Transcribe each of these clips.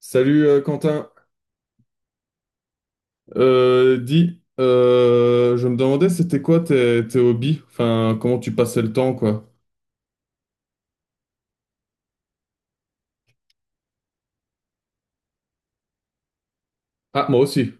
Salut, Quentin. Dis, je me demandais c'était quoi tes hobbies, enfin comment tu passais le temps quoi. Ah moi aussi,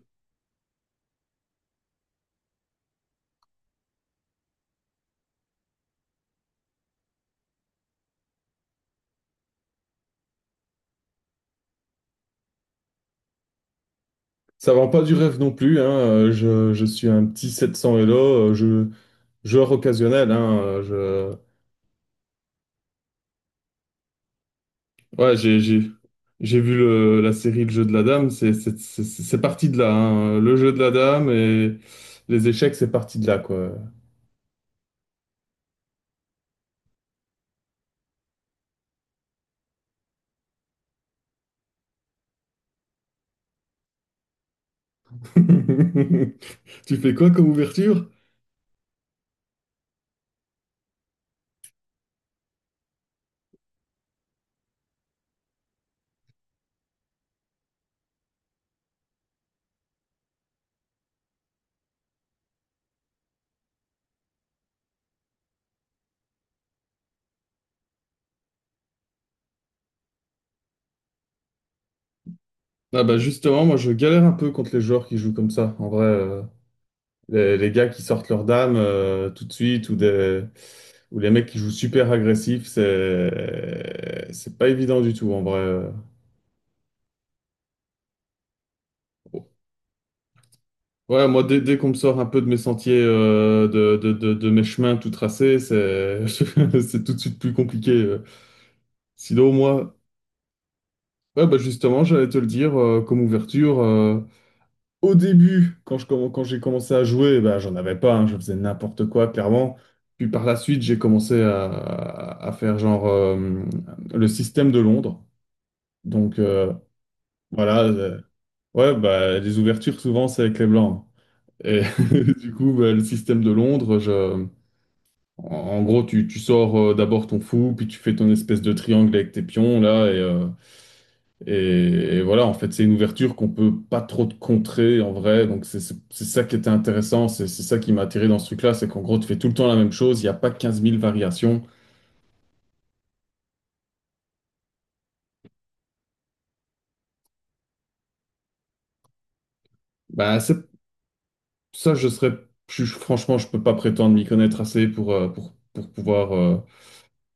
ça vend pas du rêve non plus, hein. Je suis un petit 700 Elo, joueur occasionnel, hein. Ouais, j'ai vu la série Le jeu de la dame, c'est parti de là, hein. Le jeu de la dame et les échecs c'est parti de là quoi. Tu fais quoi comme ouverture? Ah bah justement, moi je galère un peu contre les joueurs qui jouent comme ça. En vrai, les gars qui sortent leur dame tout de suite ou des ou les mecs qui jouent super agressifs, c'est pas évident du tout en vrai. Ouais, moi dès qu'on me sort un peu de mes sentiers, de mes chemins tout tracés, c'est c'est tout de suite plus compliqué. Sinon moi, ouais bah justement, j'allais te le dire, comme ouverture. Au début, quand j'ai commencé à jouer, bah, j'en avais pas, hein, je faisais n'importe quoi, clairement. Puis par la suite, j'ai commencé à faire genre le système de Londres. Donc euh, voilà, ouais, bah, les ouvertures souvent c'est avec les blancs. Et du coup, bah, le système de Londres, je... En gros, tu sors d'abord ton fou, puis tu fais ton espèce de triangle avec tes pions là, Et, et voilà, en fait, c'est une ouverture qu'on peut pas trop te contrer en vrai. Donc, c'est ça qui était intéressant. C'est ça qui m'a attiré dans ce truc-là. C'est qu'en gros, tu fais tout le temps la même chose. Il n'y a pas quinze mille variations. Bah, ça, je serais. Franchement, je peux pas prétendre m'y connaître assez pour pouvoir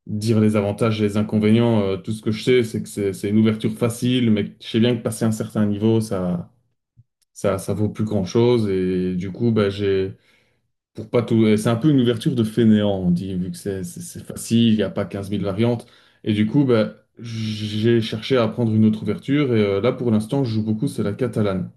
dire les avantages et les inconvénients. Tout ce que je sais, c'est que c'est une ouverture facile, mais je sais bien que passer un certain niveau, ça, ça vaut plus grand-chose. Et du coup, bah, j'ai. Pour pas tout... C'est un peu une ouverture de fainéant, on dit, vu que c'est facile, il n'y a pas quinze mille variantes. Et du coup, ben j'ai cherché à prendre une autre ouverture. Là, pour l'instant, je joue beaucoup, c'est la catalane.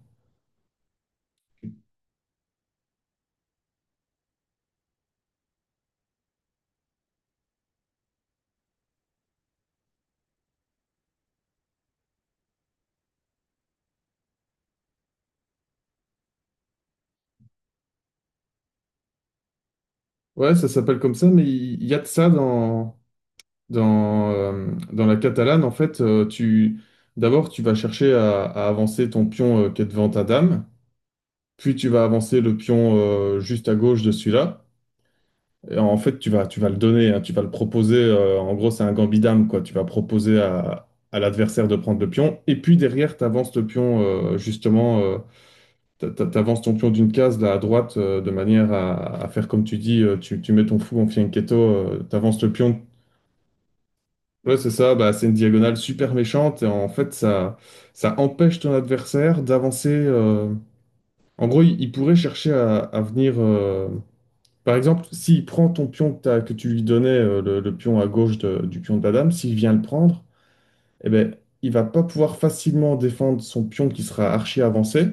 Ouais, ça s'appelle comme ça, mais il y a de ça dans la catalane. En fait, d'abord, tu vas chercher à avancer ton pion qui est devant ta dame, puis tu vas avancer le pion, juste à gauche de celui-là. Et en fait, tu vas le donner, hein, tu vas le proposer. En gros, c'est un gambit dame, quoi. Tu vas proposer à l'adversaire de prendre le pion. Et puis derrière, tu avances ton pion d'une case là, à droite, de manière à faire comme tu dis, tu mets ton fou en fianchetto, tu avances le pion. Ouais, c'est ça, bah, c'est une diagonale super méchante. Et en fait, ça empêche ton adversaire d'avancer. En gros, il pourrait chercher à venir. Par exemple, s'il prend ton pion que tu lui donnais, le pion à gauche du pion de la dame, s'il vient le prendre, eh ben, il va pas pouvoir facilement défendre son pion qui sera archi avancé,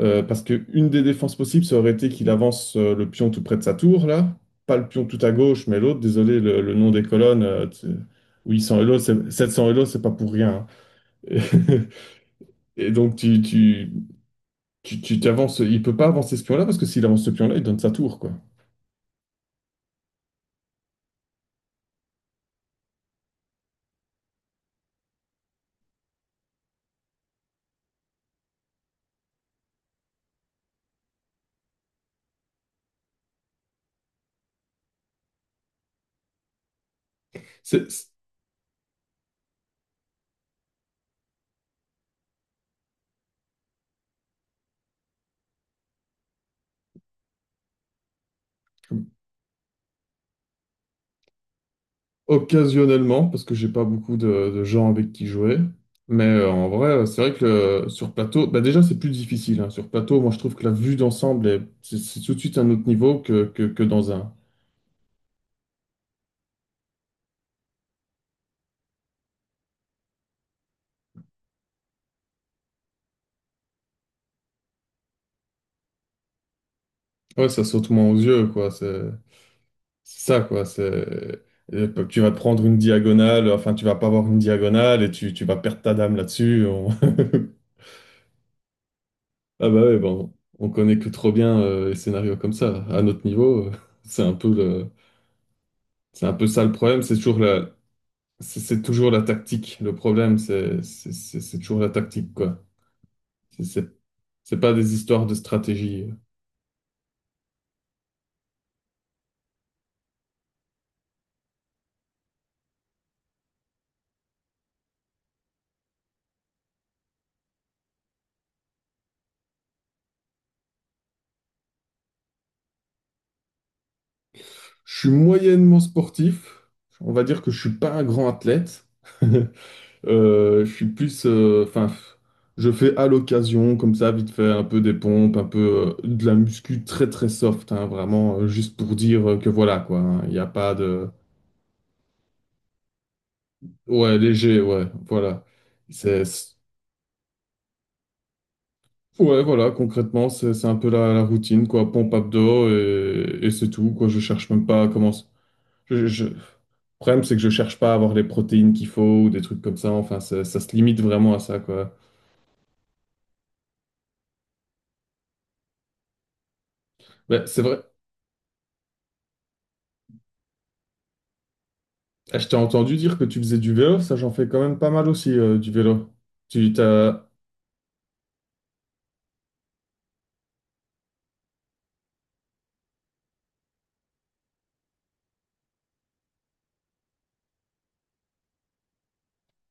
parce que une des défenses possibles, ça aurait été qu'il avance le pion tout près de sa tour, là, pas le pion tout à gauche, mais l'autre, désolé, le nom des colonnes, 800 Elo, 700 Elo, c'est pas pour rien, hein. Et donc, tu t'avances, il peut pas avancer ce pion-là, parce que s'il avance ce pion-là, il donne sa tour, quoi. C'est, Occasionnellement, parce que j'ai pas beaucoup de gens avec qui jouer. Mais en vrai, c'est vrai que sur plateau, bah déjà c'est plus difficile, hein. Sur plateau, moi je trouve que la vue d'ensemble est c'est tout de suite un autre niveau que dans un. Ouais, ça saute moins aux yeux, quoi. C'est ça, quoi. Tu vas te prendre une diagonale, enfin tu vas pas avoir une diagonale et tu vas perdre ta dame là-dessus. Ah bah ouais, bon, on connaît que trop bien les scénarios comme ça. À notre niveau, c'est un peu le. C'est un peu ça le problème, c'est toujours c'est toujours la tactique. Le problème, c'est toujours la tactique, quoi. C'est c'est- c'est pas des histoires de stratégie. Je suis moyennement sportif. On va dire que je suis pas un grand athlète. Je suis plus, enfin, je fais à l'occasion, comme ça, vite fait, un peu des pompes, un peu de la muscu très très soft, hein, vraiment, juste pour dire que voilà, quoi, hein. Il n'y a pas de, ouais, léger, ouais, voilà. C'est Ouais, voilà, concrètement, c'est un peu la routine, quoi. Pompe abdos et c'est tout, quoi. Je cherche même pas à comment. Le problème, c'est que je cherche pas à avoir les protéines qu'il faut ou des trucs comme ça. Enfin, ça se limite vraiment à ça, quoi. Ouais, c'est vrai. Eh, je t'ai entendu dire que tu faisais du vélo. Ça, j'en fais quand même pas mal aussi, du vélo. Tu t'as...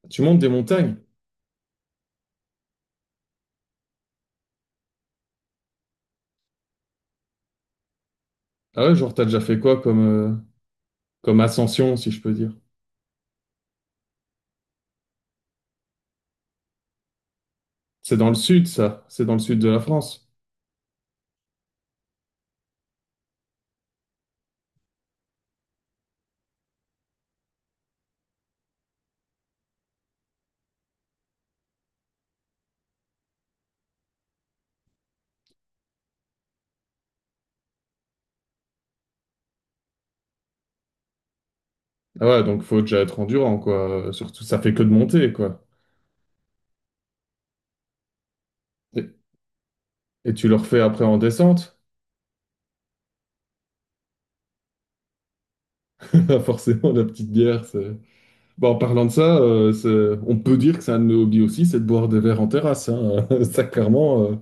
Tu montes des montagnes. Ah ouais, genre, t'as déjà fait quoi comme ascension, si je peux dire? C'est dans le sud, ça. C'est dans le sud de la France. Ah ouais, donc faut déjà être endurant, quoi. Surtout, ça fait que de monter, quoi. Et tu le refais après en descente? Forcément, la petite bière, c'est... Bon, en parlant de ça, on peut dire que c'est un de nos hobbies aussi, c'est de boire des verres en terrasse, hein. Ça, clairement,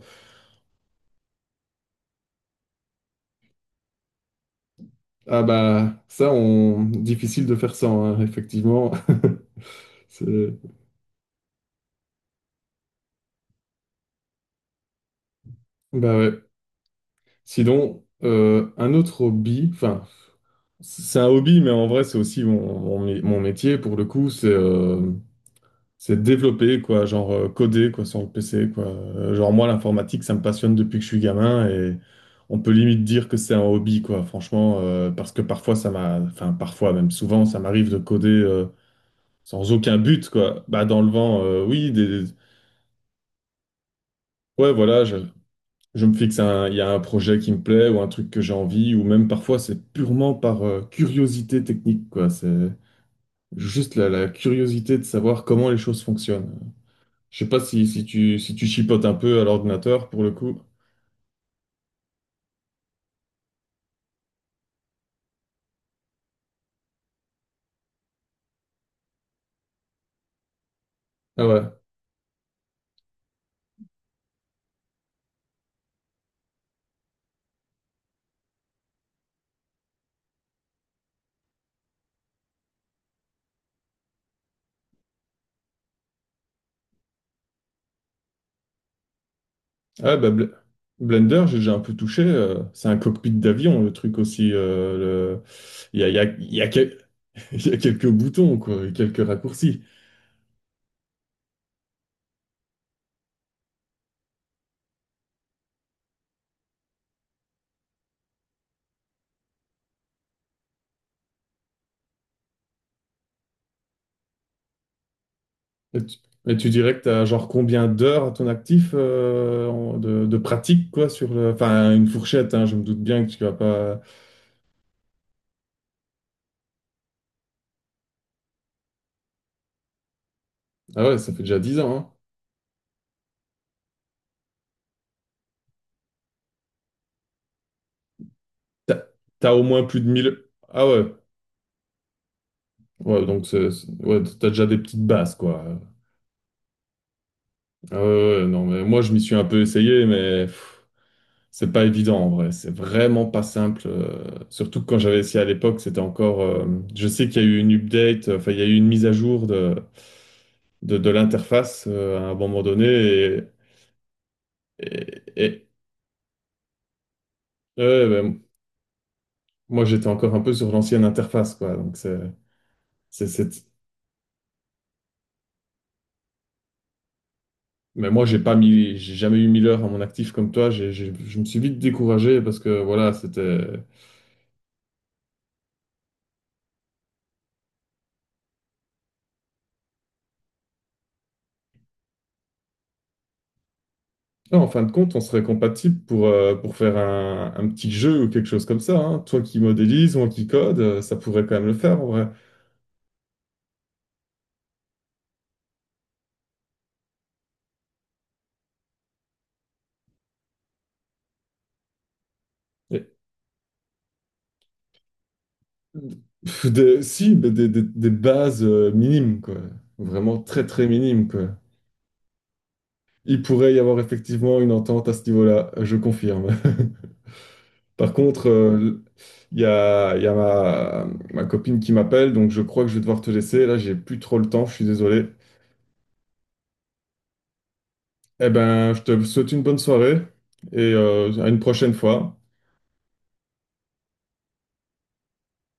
ah bah, ça, on... difficile de faire ça, hein, effectivement. C'est- Bah ouais. Sinon, un autre hobby, enfin, c'est un hobby, mais en vrai, c'est aussi mon métier, pour le coup, c'est... C'est développer, quoi, genre coder, quoi, sur le PC, quoi. Genre moi, l'informatique, ça me passionne depuis que je suis gamin et on peut limite dire que c'est un hobby, quoi, franchement, parce que parfois, enfin, parfois, même souvent, ça m'arrive de coder sans aucun but, quoi. Bah, dans le vent, oui, des... Ouais, voilà, je me fixe un, il y a un projet qui me plaît ou un truc que j'ai envie, ou même parfois, c'est purement par curiosité technique, quoi. C'est juste la curiosité de savoir comment les choses fonctionnent. Je sais pas si tu chipotes un peu à l'ordinateur pour le coup. Ah ouais. Ah bah Blender, j'ai déjà un peu touché. C'est un cockpit d'avion, le truc aussi. le- Il y a, il y a, il y a quel- Il y a quelques boutons, quoi, et quelques raccourcis. Et tu, et tu dirais que tu as genre combien d'heures à ton actif de pratique, quoi, sur le... Enfin, une fourchette, hein, je me doute bien que tu vas pas... Ah ouais, ça fait déjà 10 ans, hein. T'as, T'as au moins plus de 1000. Ah ouais, ouais, donc ouais, t'as déjà des petites bases, quoi. Ah ouais, ouais, non, mais moi je m'y suis un peu essayé, mais pff, c'est pas évident en vrai. C'est vraiment pas simple. Surtout que quand j'avais essayé à l'époque, c'était encore. Je sais qu'il y a eu une update, enfin il y a eu une mise à jour de l'interface à un moment donné. Et, et- ouais, ben, moi j'étais encore un peu sur l'ancienne interface, quoi. Donc c'est- Mais moi j'ai pas mis, j'ai jamais eu 1000 heures à mon actif comme toi. Je me suis vite découragé parce que voilà, c'était. Là, en fin de compte, on serait compatible pour faire un petit jeu ou quelque chose comme ça, hein. Toi qui modélise, moi qui code, ça pourrait quand même le faire en vrai. Et- Pff, si, mais des bases minimes, quoi. Vraiment très très minimes, quoi. Il pourrait y avoir effectivement une entente à ce niveau-là, je confirme. Par contre, il y a ma, ma copine qui m'appelle, donc je crois que je vais devoir te laisser. Là, j'ai plus trop le temps, je suis désolé. Eh ben, je te souhaite une bonne soirée et, à une prochaine fois.